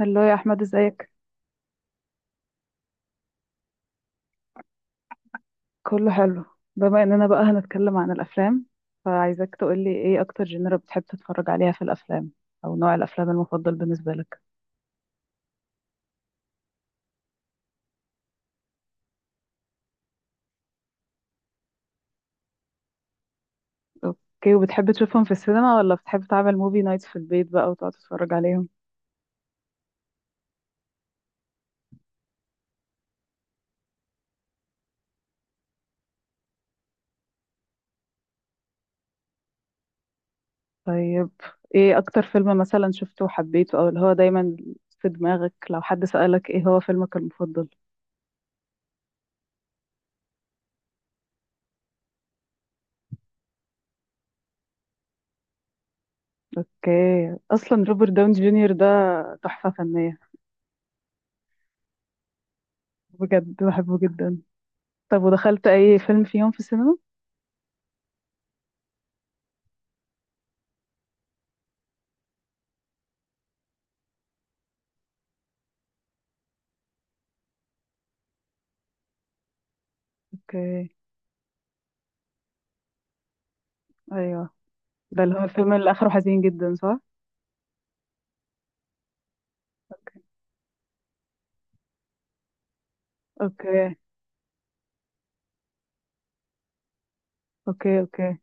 هلو يا احمد، ازيك؟ كله حلو. بما اننا بقى هنتكلم عن الافلام، فعايزاك تقولي ايه اكتر جنرا بتحب تتفرج عليها في الافلام، او نوع الافلام المفضل بالنسبه لك. اوكي، وبتحب تشوفهم في السينما ولا بتحب تعمل موفي نايت في البيت بقى وتقعد تتفرج عليهم؟ طيب، ايه اكتر فيلم مثلا شفته وحبيته، او اللي هو دايما في دماغك لو حد سألك ايه هو فيلمك المفضل؟ اوكي، اصلا روبرت داون جونيور ده تحفة فنية. بجد بحبه جدا. طب ودخلت اي فيلم فيهم في السينما؟ اوكي. ايوه، ده اللي هو الفيلم اللي اخره حزين جدا صح؟ اوكي، اوكي. اوكي، اوكي.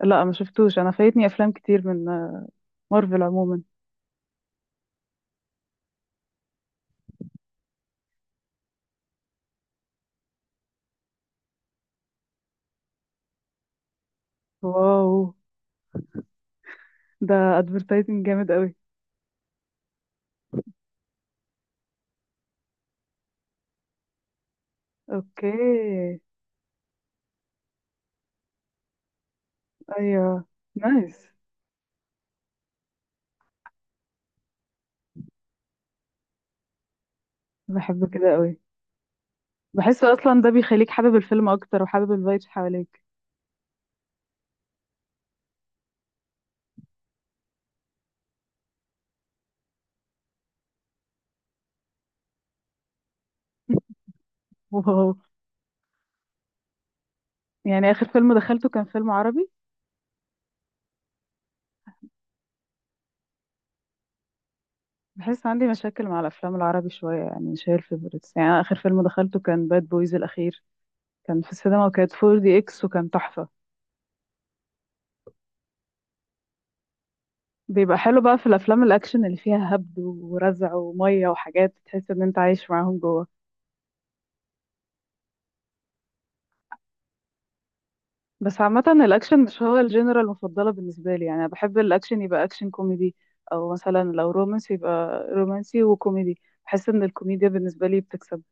لا، ما شفتوش. انا فايتني افلام كتير من مارفل عموما. واو، ده ادفرتايزنج جامد قوي. اوكي. ايوه. نايس. بحبه كده قوي. بحس اصلا ده بيخليك حابب الفيلم اكتر وحابب الفايبس حواليك. واو. يعني اخر فيلم دخلته كان فيلم عربي. بحس عندي مشاكل مع الافلام العربي شويه، يعني مش هي الفيفوريتس. يعني أنا اخر فيلم دخلته كان باد بويز الاخير، كان في السينما وكانت 4 دي اكس وكان تحفه. بيبقى حلو بقى في الافلام الاكشن اللي فيها هبد ورزع وميه وحاجات تحس ان انت عايش معاهم جوه. بس عامه الاكشن مش هو الجنرال المفضله بالنسبه لي، يعني انا بحب الاكشن يبقى اكشن كوميدي، او مثلا لو رومانسي يبقى رومانسي وكوميدي. بحس ان الكوميديا بالنسبه لي بتكسب.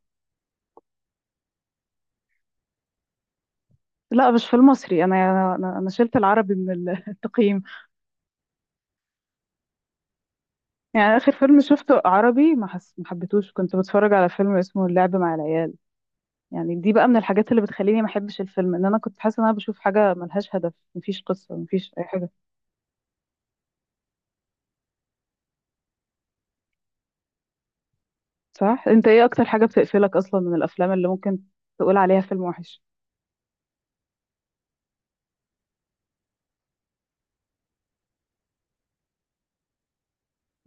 لا، مش في المصري. انا شلت العربي من التقييم. يعني اخر فيلم شفته عربي ما حبيتهوش. كنت بتفرج على فيلم اسمه اللعب مع العيال. يعني دي بقى من الحاجات اللي بتخليني ما احبش الفيلم، ان انا كنت حاسه ان انا بشوف حاجه ملهاش هدف، مفيش قصه، مفيش اي حاجه. صح، انت ايه اكتر حاجه بتقفلك اصلا من الافلام اللي ممكن تقول عليها فيلم وحش؟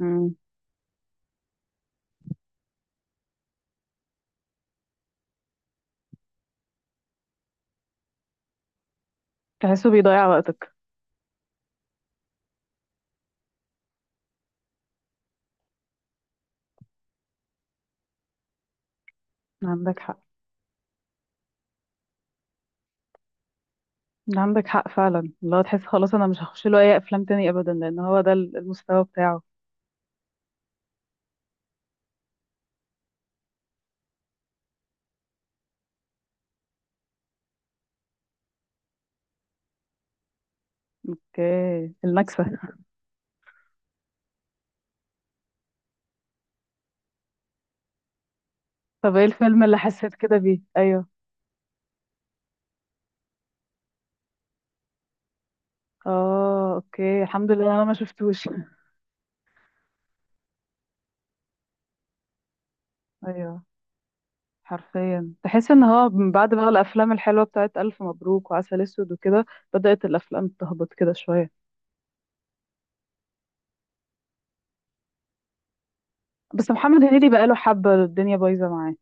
امم تحسه بيضيع وقتك. عندك حق. عندك حق فعلا، اللي هو تحس خلاص انا مش هخش له اي افلام تاني ابدا لان هو ده المستوى بتاعه. اوكي، النكسه. طب ايه الفيلم اللي حسيت كده بيه؟ ايوه. اه اوكي، الحمد لله انا ما شفتوش. ايوه. حرفيا تحس ان هو من بعد بقى الافلام الحلوه بتاعت الف مبروك وعسل اسود وكده بدات الافلام تهبط كده شويه. بس محمد هنيدي بقى له حبه الدنيا بايظه معاه.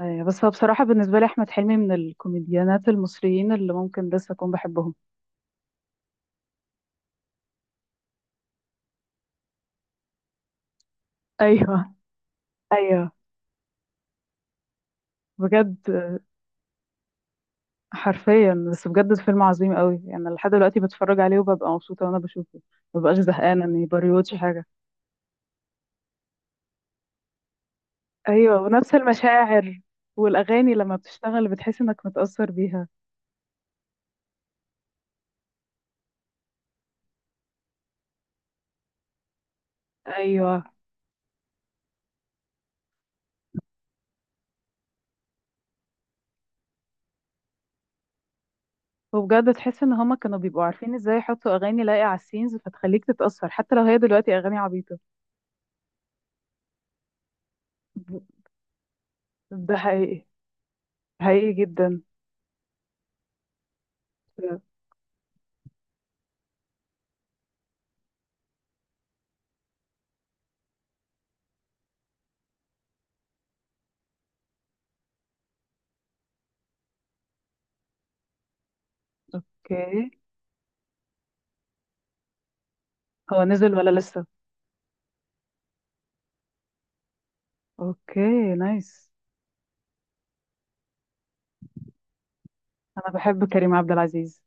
أيوة، بس هو بصراحه بالنسبه لي احمد حلمي من الكوميديانات المصريين اللي ممكن لسه اكون بحبهم. ايوه. ايوه. بجد. حرفيا، بس بجد فيلم عظيم قوي. يعني لحد دلوقتي بتفرج عليه وببقى مبسوطه وانا بشوفه، ما ببقاش زهقانه اني بريوتش حاجه. ايوه، ونفس المشاعر. والاغاني لما بتشتغل بتحس انك متاثر بيها. ايوه. وبجد تحس ان هما كانوا بيبقوا عارفين ازاي يحطوا اغاني لايقه على السينز فتخليك تتاثر حتى لو هي دلوقتي اغاني عبيطه. ب- ده حقيقي. حقيقي جدا. اوكي، هو نزل ولا لسه؟ اوكي. نايس. انا بحب كريم عبد العزيز.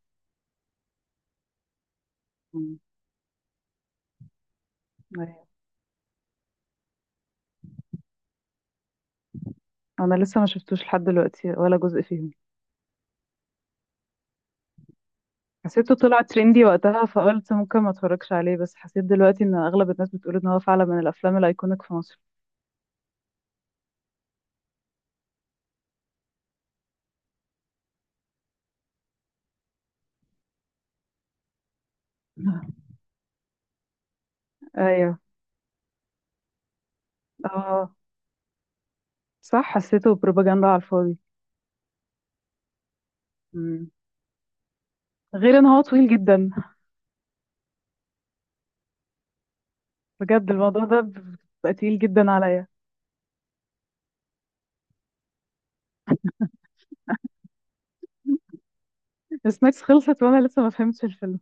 مم. أيوة. انا لسه ما شفتوش لحد دلوقتي ولا جزء فيهم. حسيته طلع ترندي وقتها فقلت ممكن ما اتفرجش عليه، بس حسيت دلوقتي ان اغلب الناس بتقول ان هو فعلا من الافلام الايكونيك في مصر. ايوه. اه صح، حسيته بروباجندا على الفاضي. مم. غير ان هو طويل جدا. بجد الموضوع ده بقى تقيل جدا عليا. السناكس خلصت وانا لسه ما فهمتش الفيلم.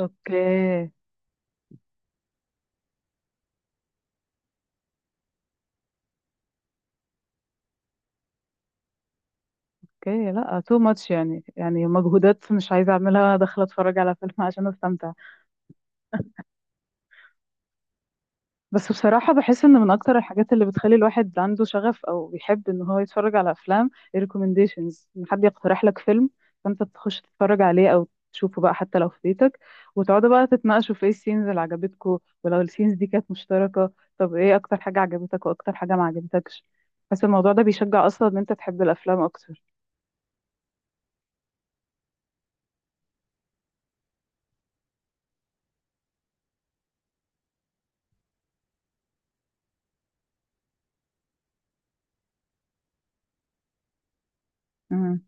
اوكي، اوكي. لا تو ماتش، يعني مجهودات مش عايزه اعملها داخله اتفرج على فيلم عشان استمتع. بس بصراحة بحس ان من اكتر الحاجات اللي بتخلي الواحد عنده شغف او بيحب ان هو يتفرج على افلام الريكومنديشنز، ان حد يقترح لك فيلم فانت تخش تتفرج عليه او تشوفه بقى حتى لو في بيتك، وتقعدوا بقى تتناقشوا في ايه السينز اللي عجبتكوا ولو السينز دي كانت مشتركة. طب ايه اكتر حاجة عجبتك واكتر حاجة ما عجبتكش؟ بس الموضوع ده بيشجع اصلا ان انت تحب الافلام اكتر. امم.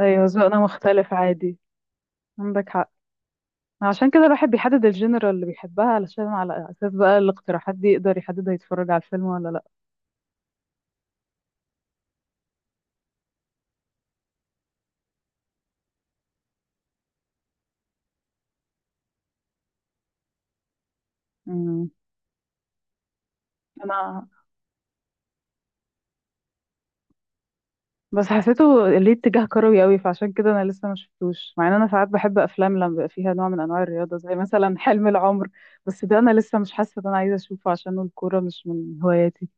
ايوه، ذوقنا مختلف عادي. عندك حق. عشان كده الواحد بيحدد الجنرال اللي بيحبها علشان على اساس بقى الاقتراحات دي يقدر يحدد هيتفرج على الفيلم ولا لا. امم. انا بس حسيته ليه اتجاه كروي قوي فعشان كده انا لسه ما شفتوش، مع ان انا ساعات بحب افلام لما بيبقى فيها نوع من انواع الرياضه زي مثلا حلم العمر. بس ده انا لسه مش حاسه ان انا عايزه اشوفه عشان الكوره مش من هواياتي.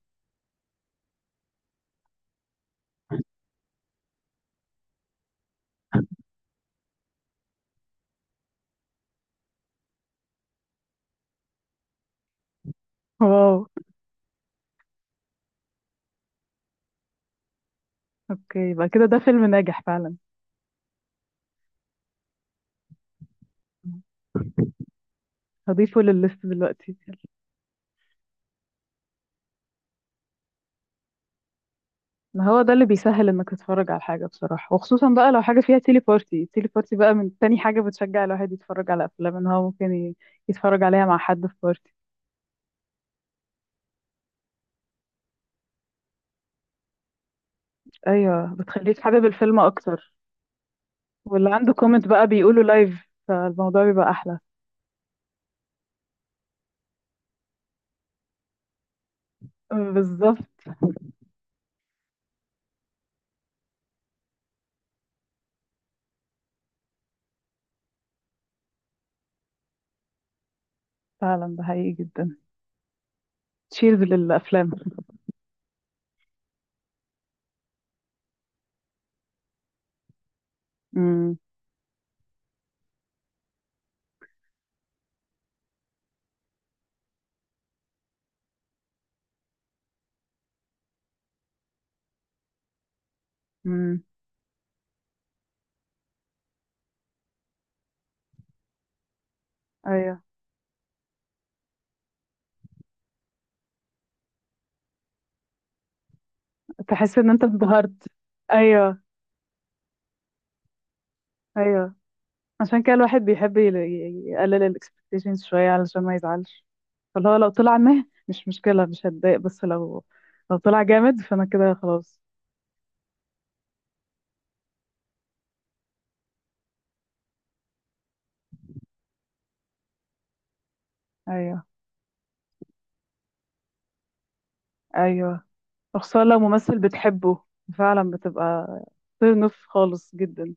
واو. اوكي، يبقى كده ده فيلم ناجح فعلا. هضيفه للليست دلوقتي. ما هو ده اللي بيسهل انك تتفرج على حاجة بصراحة، وخصوصا بقى لو حاجة فيها تيلي بارتي. تيلي بارتي بقى من تاني حاجة بتشجع الواحد يتفرج على افلام، ان هو ممكن يتفرج عليها مع حد في بارتي. ايوه، بتخليك حابب الفيلم اكتر. واللي عنده كومنت بقى بيقوله لايف فالموضوع بيبقى احلى. بالظبط. فعلا ده حقيقي جدا. تشيرز للافلام. امم. امم. ايوه، تحس ان انت انبهرت. ايوه. ايوه، عشان كده الواحد بيحب يقلل الاكسبكتيشنز شوية علشان ما يزعلش. فاللي هو لو طلع مه مش مشكلة مش هتضايق، بس لو طلع جامد فانا كده خلاص. ايوه. ايوه، وخصوصا لو ممثل بتحبه. فعلا بتبقى ترن اوف خالص جدا.